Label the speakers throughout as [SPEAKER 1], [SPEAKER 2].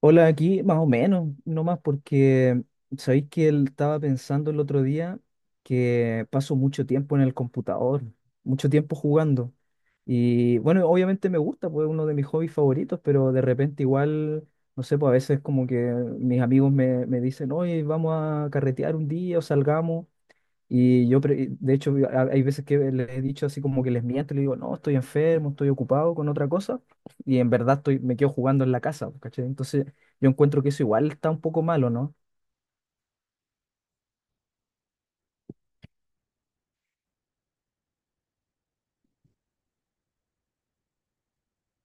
[SPEAKER 1] Hola, aquí más o menos, no más porque sabéis que él estaba pensando el otro día que paso mucho tiempo en el computador, mucho tiempo jugando. Y bueno, obviamente me gusta, pues es uno de mis hobbies favoritos, pero de repente igual, no sé, pues a veces como que mis amigos me dicen, oye, vamos a carretear un día o salgamos. Y yo, de hecho, hay veces que les he dicho así como que les miento, le digo, no, estoy enfermo, estoy ocupado con otra cosa, y en verdad estoy, me quedo jugando en la casa, pues, ¿cachai? Entonces, yo encuentro que eso igual está un poco malo, ¿no?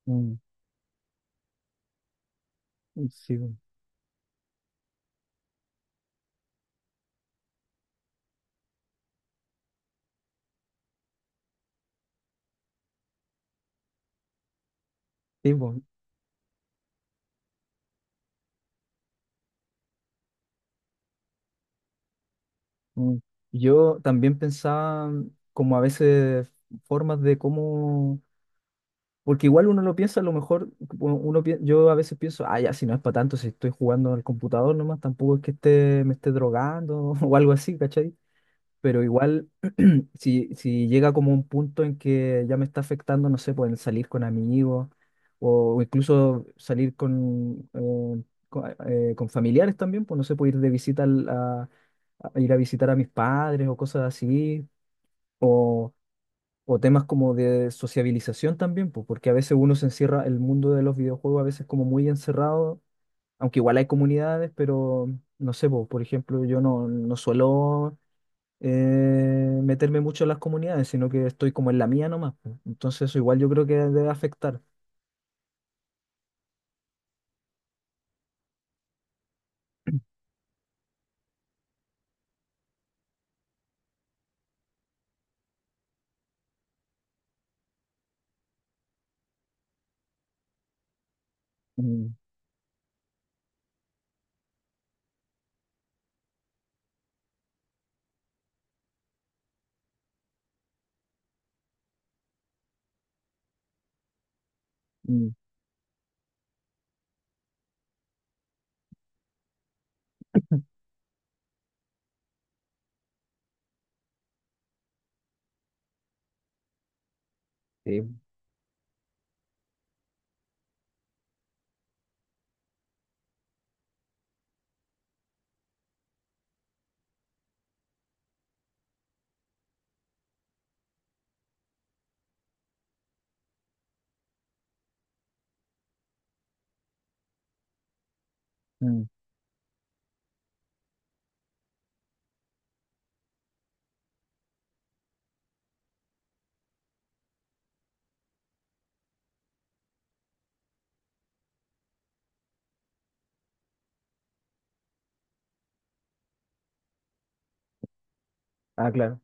[SPEAKER 1] Mm. Sí, bo. Sí, bo. Mm. Yo también pensaba como a veces formas de cómo, porque igual uno lo piensa, a lo mejor yo a veces pienso, ah, ya, si no es para tanto, si estoy jugando al computador nomás, tampoco es que me esté drogando o algo así, ¿cachai? Pero igual si llega como un punto en que ya me está afectando, no sé, pueden salir con amigos o incluso salir con familiares también, pues no sé, puedo ir de visita a ir a visitar a mis padres o cosas así, o, o temas como de sociabilización también, pues porque a veces uno se encierra, el mundo de los videojuegos a veces como muy encerrado, aunque igual hay comunidades, pero no sé, pues, por ejemplo, yo no suelo meterme mucho en las comunidades, sino que estoy como en la mía nomás, pues. Entonces eso igual yo creo que debe afectar. Mm. Mm. Sí. Mm. Ah, claro.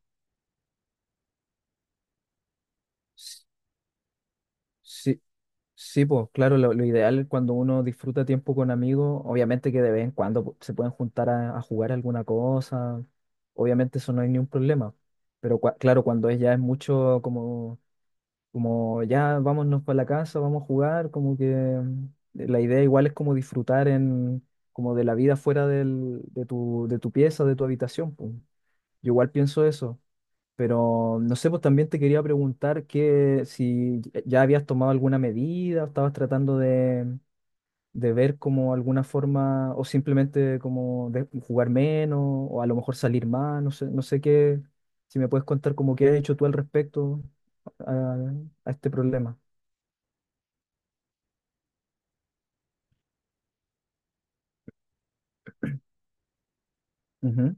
[SPEAKER 1] S- Sí, sí, pues claro, lo ideal es cuando uno disfruta tiempo con amigos, obviamente que de vez en cuando se pueden juntar a jugar alguna cosa, obviamente eso no hay ningún problema, pero claro, cuando es ya es mucho como como ya vámonos para la casa, vamos a jugar, como que la idea igual es como disfrutar en, como de la vida fuera del- de tu pieza, de tu habitación, pues. Yo igual pienso eso, pero no sé, pues también te quería preguntar que si ya habías tomado alguna medida o estabas tratando de ver como alguna forma o simplemente como de jugar menos o a lo mejor salir más, no sé, no sé qué, si me puedes contar como qué has hecho tú al respecto a a este problema. Ujú.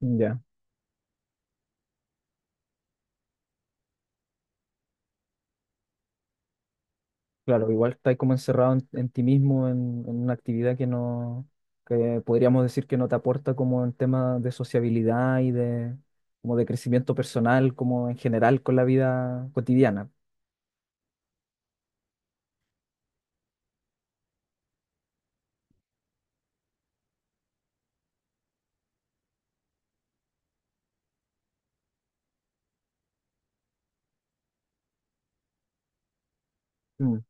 [SPEAKER 1] Ya, claro, igual estás como encerrado en ti mismo, en una actividad que no, que podríamos decir que no te aporta como en tema de sociabilidad y de, como de crecimiento personal, como en general con la vida cotidiana. Mm.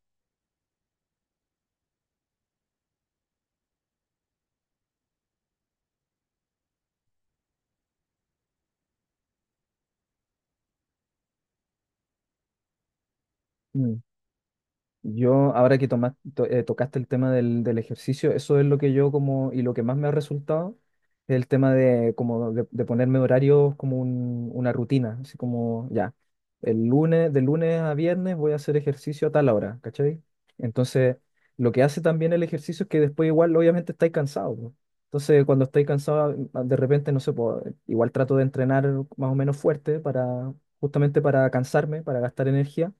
[SPEAKER 1] Mm. Yo, ahora que tocaste el tema del ejercicio, eso es lo que yo como, y lo que más me ha resultado, es el tema de, como de ponerme horarios como una rutina, así como ya, el lunes, de lunes a viernes voy a hacer ejercicio a tal hora, ¿cachai? Entonces, lo que hace también el ejercicio es que después igual, obviamente, estáis cansados, po. Entonces, cuando estáis cansados, ah, de repente, no sé, po, igual trato de entrenar más o menos fuerte para, justamente para cansarme, para gastar energía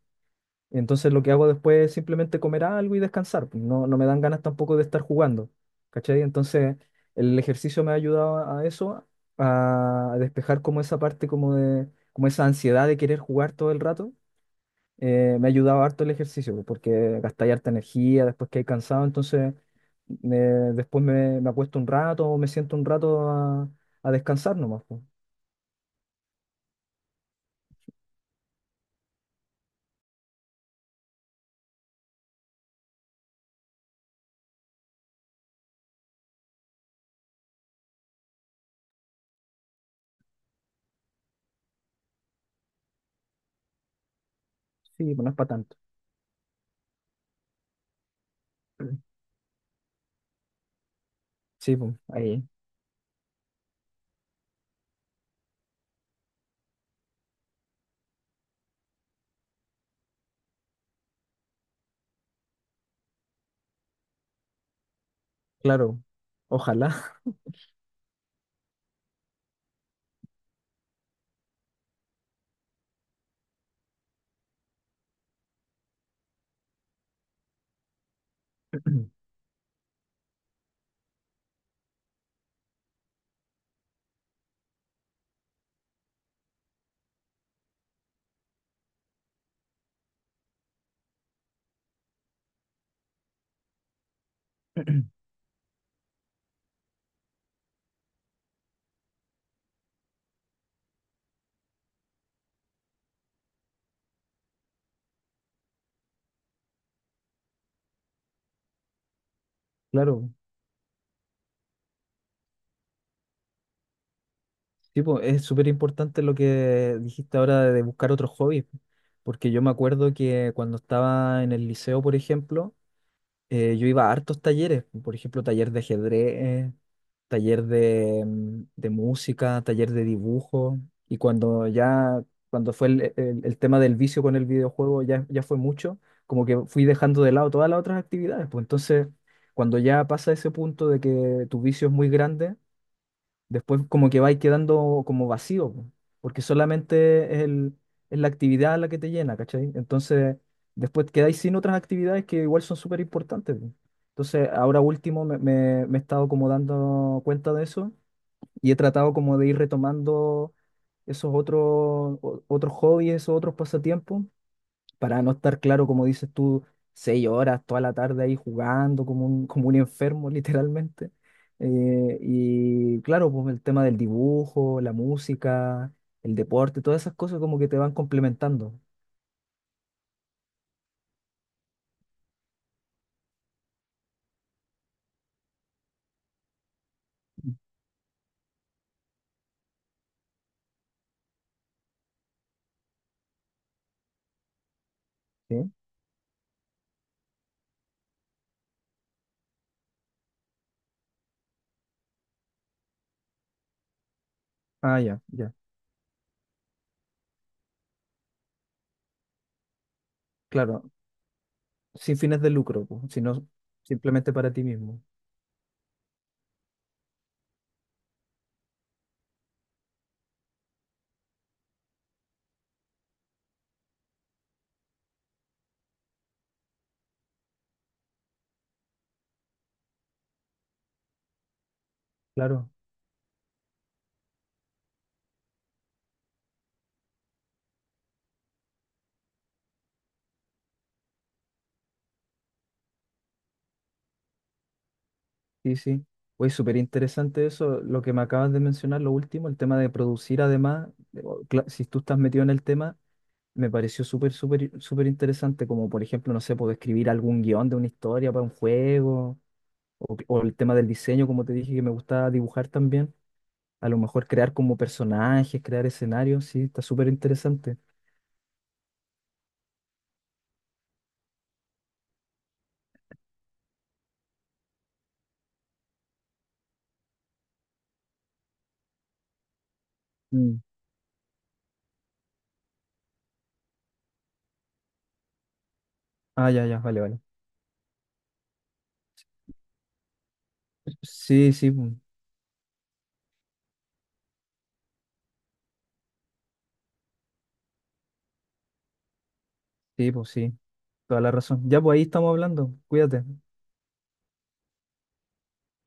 [SPEAKER 1] entonces lo que hago después es simplemente comer algo y descansar, pues. No, no me dan ganas tampoco de estar jugando. ¿Cachai? Entonces el ejercicio me ha ayudado a eso, a despejar como esa parte como de, como esa ansiedad de querer jugar todo el rato. Me ha ayudado harto el ejercicio, pues, porque gastáis harta energía después que hay cansado, entonces me- después me, me- acuesto un rato o me siento un rato a descansar nomás, pues. Sí, pues no es para tanto. Sí, pues ahí, claro. Ojalá. Claro. Sí, po, es súper importante lo que dijiste ahora de buscar otros hobbies, porque yo me acuerdo que cuando estaba en el liceo, por ejemplo, yo iba a hartos talleres, por ejemplo, taller de ajedrez, taller de música, taller de dibujo, y cuando ya, cuando fue el tema del vicio con el videojuego, ya, ya fue mucho, como que fui dejando de lado todas las otras actividades, pues entonces, cuando ya pasa ese punto de que tu vicio es muy grande, después como que vais quedando como vacío, po, porque solamente es la actividad la que te llena, ¿cachai? Entonces, después quedáis sin otras actividades que igual son súper importantes, po. Entonces, ahora último me he estado como dando cuenta de eso y he tratado como de ir retomando esos otros, otros hobbies, esos otros pasatiempos para no estar claro, como dices tú, seis horas toda la tarde ahí jugando como un enfermo, literalmente. Y claro, pues el tema del dibujo, la música, el deporte, todas esas cosas como que te van complementando. ¿Sí? Ah, ya, ya. Claro, sin fines de lucro, pues, sino simplemente para ti mismo. Claro, sí, sí. Pues súper interesante eso, lo que me acabas de mencionar, lo último, el tema de producir además, o, si tú estás metido en el tema me pareció súper, súper, súper interesante, como por ejemplo, no sé, puedo escribir algún guión de una historia para un juego, o el tema del diseño, como te dije, que me gusta dibujar también. A lo mejor crear como personajes, crear escenarios, sí, está súper interesante. Mm. Ah, ya, ya, vale, vale. Sí, sí, sí, pues sí, toda la razón. Ya, pues ahí estamos hablando, cuídate.